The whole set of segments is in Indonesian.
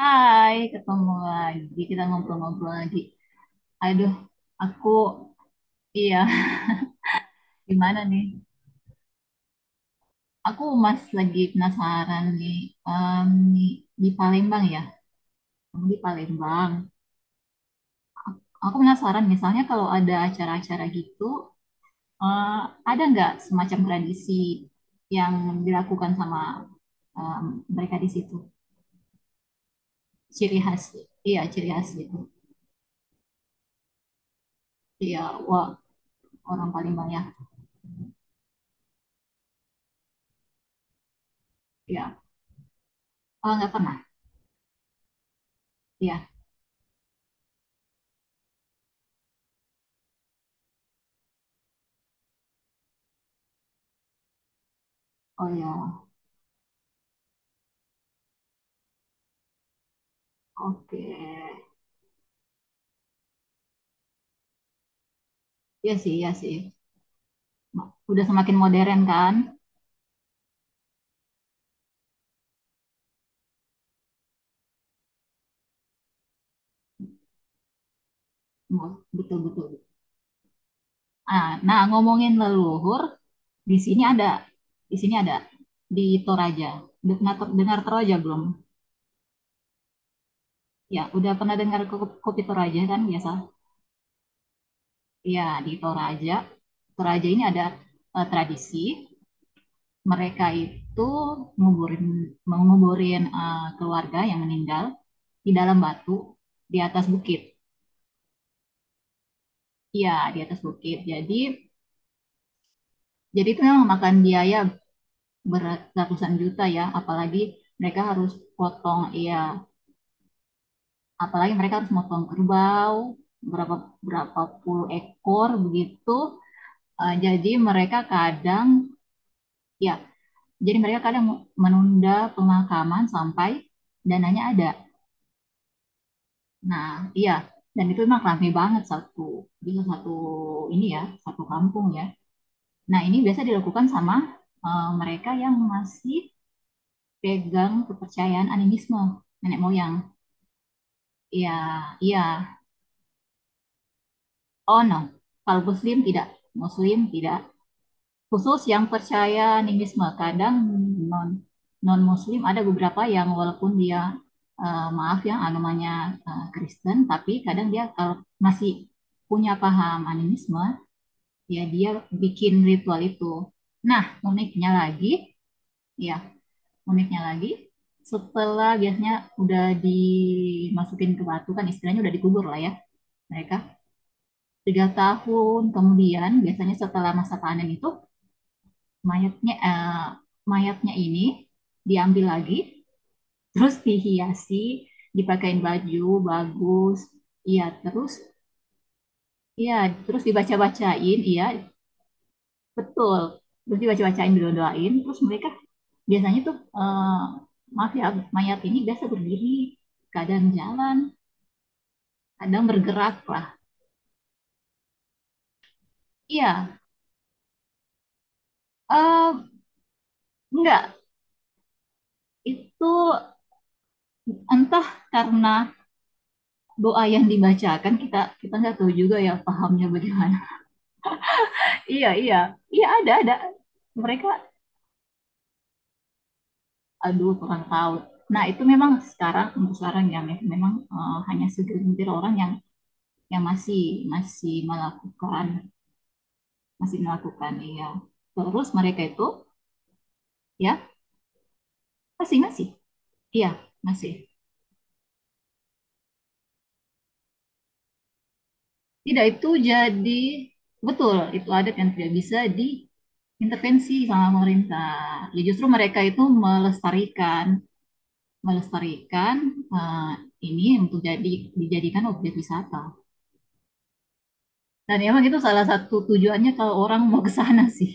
Hai, ketemu lagi. Kita ngobrol-ngobrol lagi. Aduh, aku iya, gimana nih? Aku Mas lagi penasaran em, nih, di Palembang ya. Kamu di Palembang. Aku penasaran misalnya kalau ada acara-acara gitu, eh, ada nggak semacam tradisi yang dilakukan sama em, mereka di situ? Ciri khas, iya ciri khas gitu. Iya, wah orang Palembang ya. Iya, oh nggak pernah. Iya, oh ya, oke. Iya sih, iya sih. Udah semakin modern kan? Betul-betul. Ah, nah, ngomongin leluhur, di sini ada. Di sini ada. Di Toraja. Udah pernah dengar Toraja belum? Ya, udah pernah dengar kopi Toraja kan biasa? Iya, di Toraja. Toraja ini ada tradisi. Mereka itu nguburin, menguburin keluarga yang meninggal di dalam batu, di atas bukit. Iya, di atas bukit. Jadi, itu memang makan biaya beratusan juta ya, apalagi mereka harus potong ya, apalagi mereka harus potong kerbau berapa berapa puluh ekor begitu. Uh, jadi mereka kadang ya, jadi mereka kadang menunda pemakaman sampai dananya ada. Nah, iya, dan itu memang ramai banget, satu bisa satu ini ya, satu kampung ya. Nah ini biasa dilakukan sama mereka yang masih pegang kepercayaan animisme nenek moyang. Ya, iya. Oh no. Kalau Muslim tidak, Muslim tidak. Khusus yang percaya animisme, kadang non non Muslim, ada beberapa yang walaupun dia maaf ya agamanya Kristen, tapi kadang dia kalau masih punya paham animisme, ya dia bikin ritual itu. Nah, uniknya lagi, ya uniknya lagi, setelah biasanya udah dimasukin ke batu kan istilahnya udah dikubur lah ya, mereka 3 tahun kemudian biasanya setelah masa panen itu, mayatnya eh, mayatnya ini diambil lagi, terus dihiasi, dipakein baju bagus. Iya, terus iya, terus dibaca-bacain. Iya betul, terus dibaca-bacain didoain terus mereka biasanya tuh maaf ya, mayat ini biasa berdiri, kadang jalan, kadang bergerak lah. Iya, eh, enggak, itu entah karena doa yang dibacakan, kita kita nggak tahu juga ya pahamnya bagaimana. Iya iya iya, ada, mereka, aduh kurang tahu. Nah itu memang sekarang, untuk sekarang ya, memang hanya segelintir orang yang masih masih melakukan, iya. Terus mereka itu ya masih, iya, masih. Tidak, itu jadi betul, itu adat yang tidak bisa diintervensi sama pemerintah. Ya justru mereka itu melestarikan, melestarikan eh, ini untuk dijadikan objek wisata. Dan emang itu salah satu tujuannya kalau orang mau ke sana sih.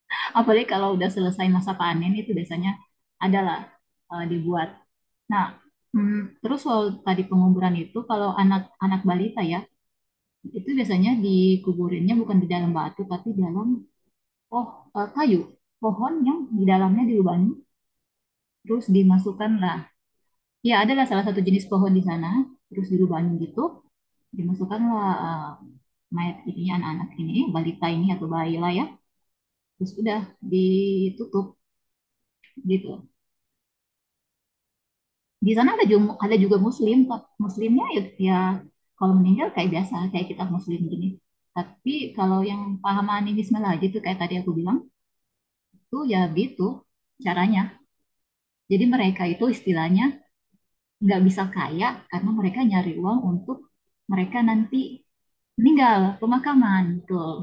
Apalagi kalau udah selesai masa panen itu, biasanya adalah dibuat. Nah, mm, terus soal tadi penguburan itu, kalau anak-anak balita ya, itu biasanya dikuburinnya bukan di dalam batu tapi dalam oh kayu, pohon yang di dalamnya dilubangi terus dimasukkanlah. Ya, adalah salah satu jenis pohon di sana, terus dilubangi gitu. Dimasukkanlah mayat ininya, anak-anak ini, balita ini atau bayi lah ya. Terus udah ditutup gitu. Di sana ada juga muslim, tapi muslimnya ya, ya kalau meninggal kayak biasa, kayak kita muslim gini. Tapi kalau yang pahaman ini Bismillah aja tuh, kayak tadi aku bilang, tuh ya gitu caranya. Jadi mereka itu istilahnya nggak bisa kaya, karena mereka nyari uang untuk mereka nanti meninggal, pemakaman, betul.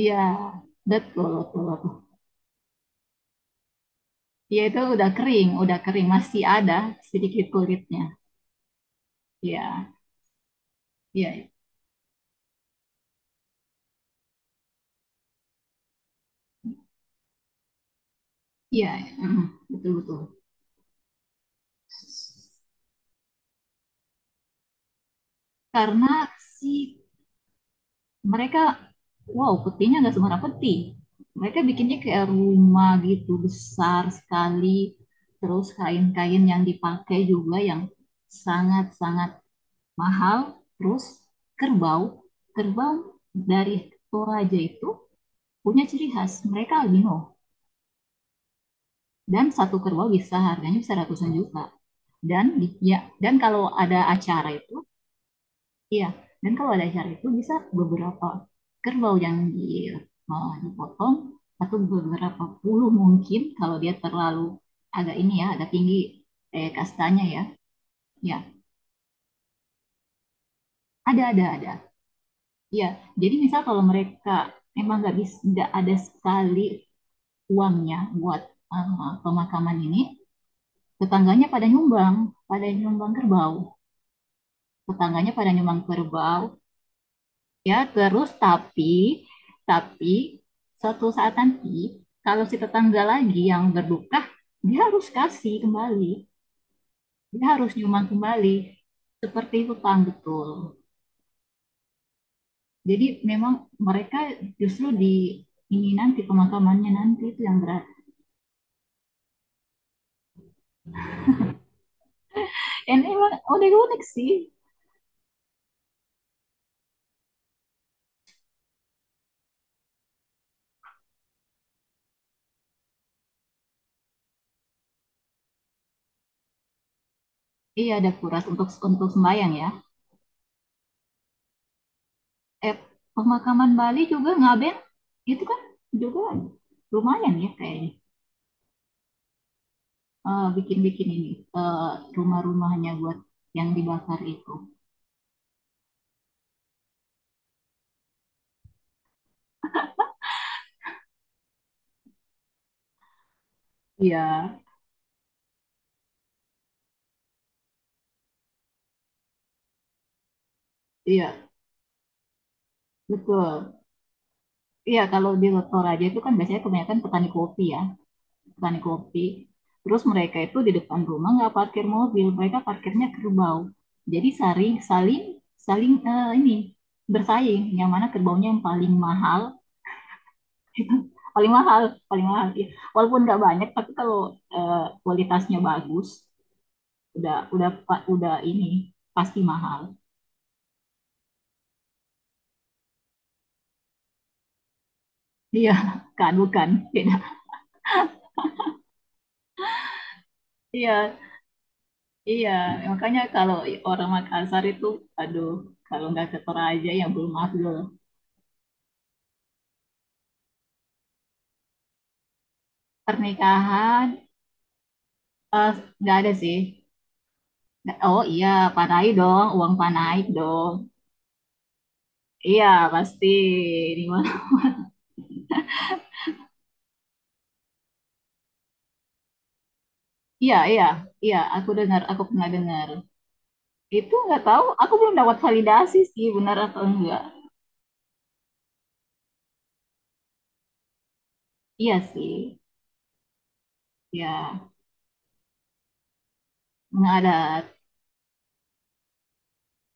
Iya betul betul betul. Iya itu udah kering, udah kering masih ada sedikit kulitnya. Iya iya iya, mm, betul betul. Karena si mereka, wow, petinya nggak sembarang peti, mereka bikinnya kayak rumah gitu, besar sekali. Terus kain-kain yang dipakai juga yang sangat-sangat mahal, terus kerbau, kerbau dari Toraja itu punya ciri khas, mereka albino, dan satu kerbau bisa harganya bisa ratusan juta. Dan ya, dan kalau ada acara itu, iya, dan kalau ada acara itu bisa beberapa kerbau yang di, mau dipotong, atau beberapa puluh, mungkin kalau dia terlalu agak ini ya, agak tinggi kastanya ya, ya, ada ada. Ya jadi misal kalau mereka memang nggak bisa, nggak ada sekali uangnya buat pemakaman ini, tetangganya pada nyumbang kerbau. Tetangganya pada nyumbang kerbau. Ya, terus tapi suatu saat nanti kalau si tetangga lagi yang berduka, dia harus kasih kembali. Dia harus nyumbang kembali. Seperti hutang, betul. Jadi memang mereka justru di ini, nanti pemakamannya nanti itu yang berat. Dan emang udah unik sih. Iya ada kuras untuk sembahyang ya. eh, Pemakaman Bali juga Ngaben itu kan juga lumayan ya kayaknya, bikin-bikin ini, eh, rumah-rumahnya buat yang dibakar itu. Iya, iya, betul. Iya, kalau di Toraja itu kan biasanya kebanyakan petani kopi ya, petani kopi. Terus mereka itu di depan rumah nggak parkir mobil, mereka parkirnya kerbau. Jadi saling saling saling ini bersaing, yang mana kerbaunya yang paling mahal, paling mahal, paling mahal ya. Walaupun nggak banyak tapi kalau kualitasnya bagus, udah udah udah ini pasti mahal. Iya, kan bukan. Iya iya, makanya kalau orang Makassar itu, aduh, kalau nggak ke Toraja ya belum afdol. Pernikahan eh, nggak ada sih. Oh iya, panai dong, uang panai dong. Iya pasti, di mana. Iya iya iya, aku dengar, aku pernah dengar. Itu nggak tahu, aku belum dapat validasi sih benar atau enggak. Iya sih, ya nggak ada,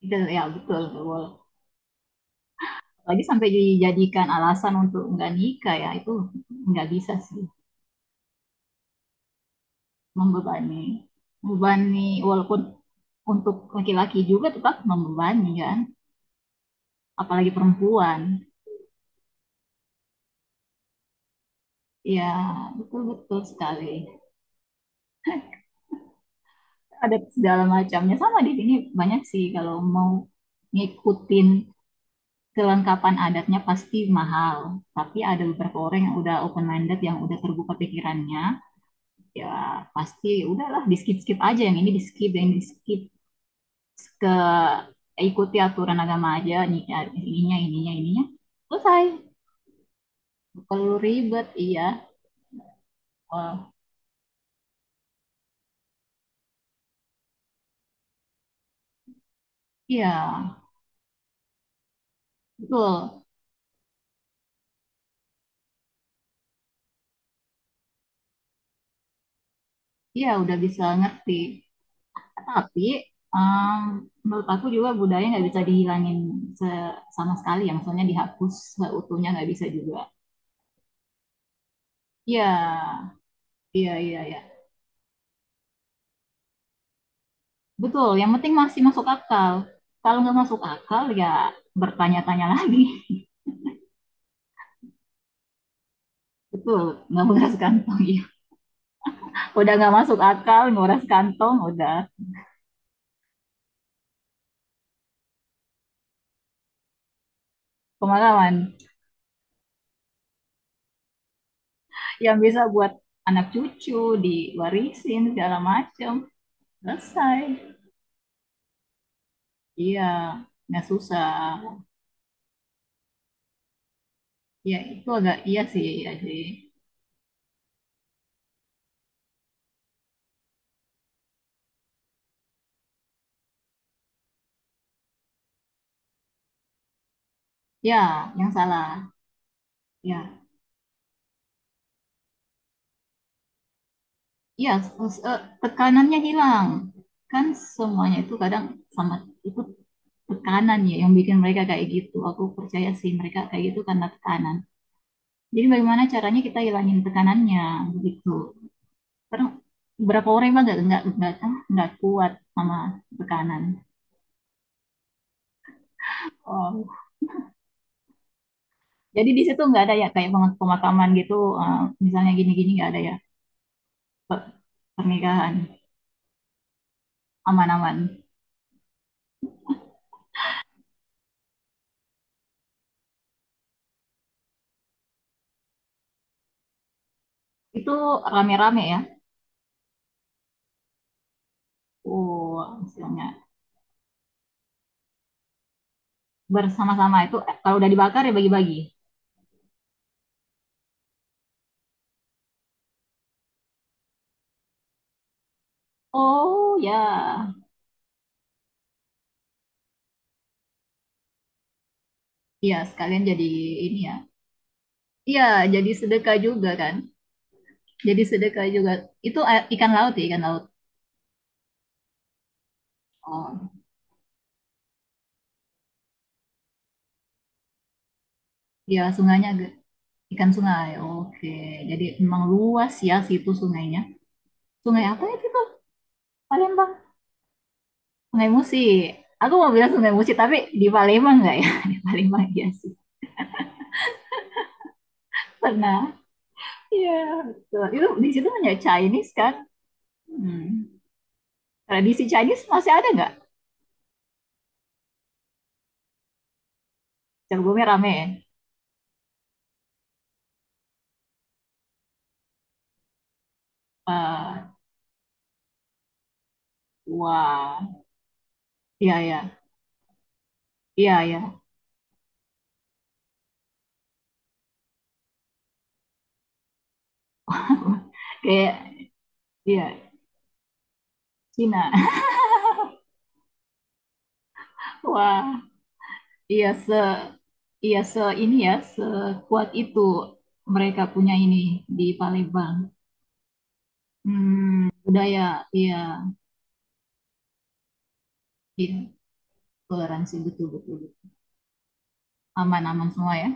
tidak ya betul, nggak boleh. Lagi sampai dijadikan alasan untuk nggak nikah ya, itu nggak bisa sih, membebani, membebani. Walaupun untuk laki-laki juga tetap membebani kan, apalagi perempuan. Ya betul betul sekali. Ada segala macamnya, sama di sini banyak sih kalau mau ngikutin kelengkapan adatnya pasti mahal, tapi ada beberapa orang yang udah open minded, yang udah terbuka pikirannya, ya pasti udahlah, di skip skip aja, yang ini di skip, yang ini di skip, ke ikuti aturan agama aja, ininya ininya ininya, selesai. Perlu ribet, iya, oh, iya, betul, iya udah bisa ngerti. Tapi um, menurut aku juga budaya nggak bisa dihilangin sama sekali, yang soalnya dihapus seutuhnya nggak bisa juga. Ya, iya, iya, iya. Betul, yang penting masih masuk akal. Kalau nggak masuk akal, ya bertanya-tanya lagi. Betul, nggak nguras kantong. Iya. Udah nggak masuk akal, nguras kantong, udah pengalaman. Yang bisa buat anak cucu, diwarisin, segala macam, selesai. Iya, nggak susah. Ya, itu agak iya sih, ya, sih. Ya, yang salah. Ya, ya tekanannya hilang. Kan semuanya itu kadang sama, itu tekanan ya yang bikin mereka kayak gitu. Aku percaya sih mereka kayak gitu karena tekanan. Jadi bagaimana caranya kita hilangin tekanannya gitu. Karena beberapa orang emang nggak kuat sama tekanan. Oh, jadi di situ nggak ada ya kayak pemakaman gitu, eh, misalnya gini-gini nggak ada ya, pernikahan, aman-aman. Itu rame-rame ya. Oh, misalnya bersama-sama itu, kalau udah dibakar ya bagi-bagi. Oh ya, ya sekalian jadi ini ya. Iya, jadi sedekah juga kan. Jadi sedekah juga. Itu ikan laut ya, ikan laut. Oh, ya sungainya ikan sungai. Oke, jadi memang luas ya situ sungainya. Sungai apa ya itu, Palembang. Sungai Musi. Aku mau bilang Sungai Musi, tapi di Palembang nggak ya? Di Palembang ya sih. Pernah. Iya, betul. Itu di situ banyak Chinese kan. Hmm. Tradisi Chinese masih ada nggak? Jagungnya rame ya? Eh, wah, iya ya, iya ya. Kayak iya, Cina. Wah, iya se, iya se ini ya, sekuat itu mereka punya ini di Palembang. Hmm, budaya, iya, iya, toleransi betul-betul, aman-aman semua ya.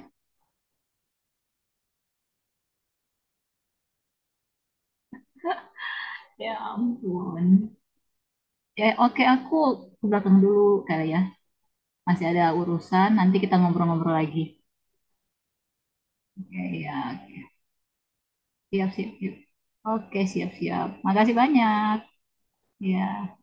Ya ampun. Ya oke, aku ke belakang dulu kali ya. Masih ada urusan, nanti kita ngobrol-ngobrol lagi. Oke, ya. Siap, siap, siap. Oke, siap-siap. Makasih banyak. Ya.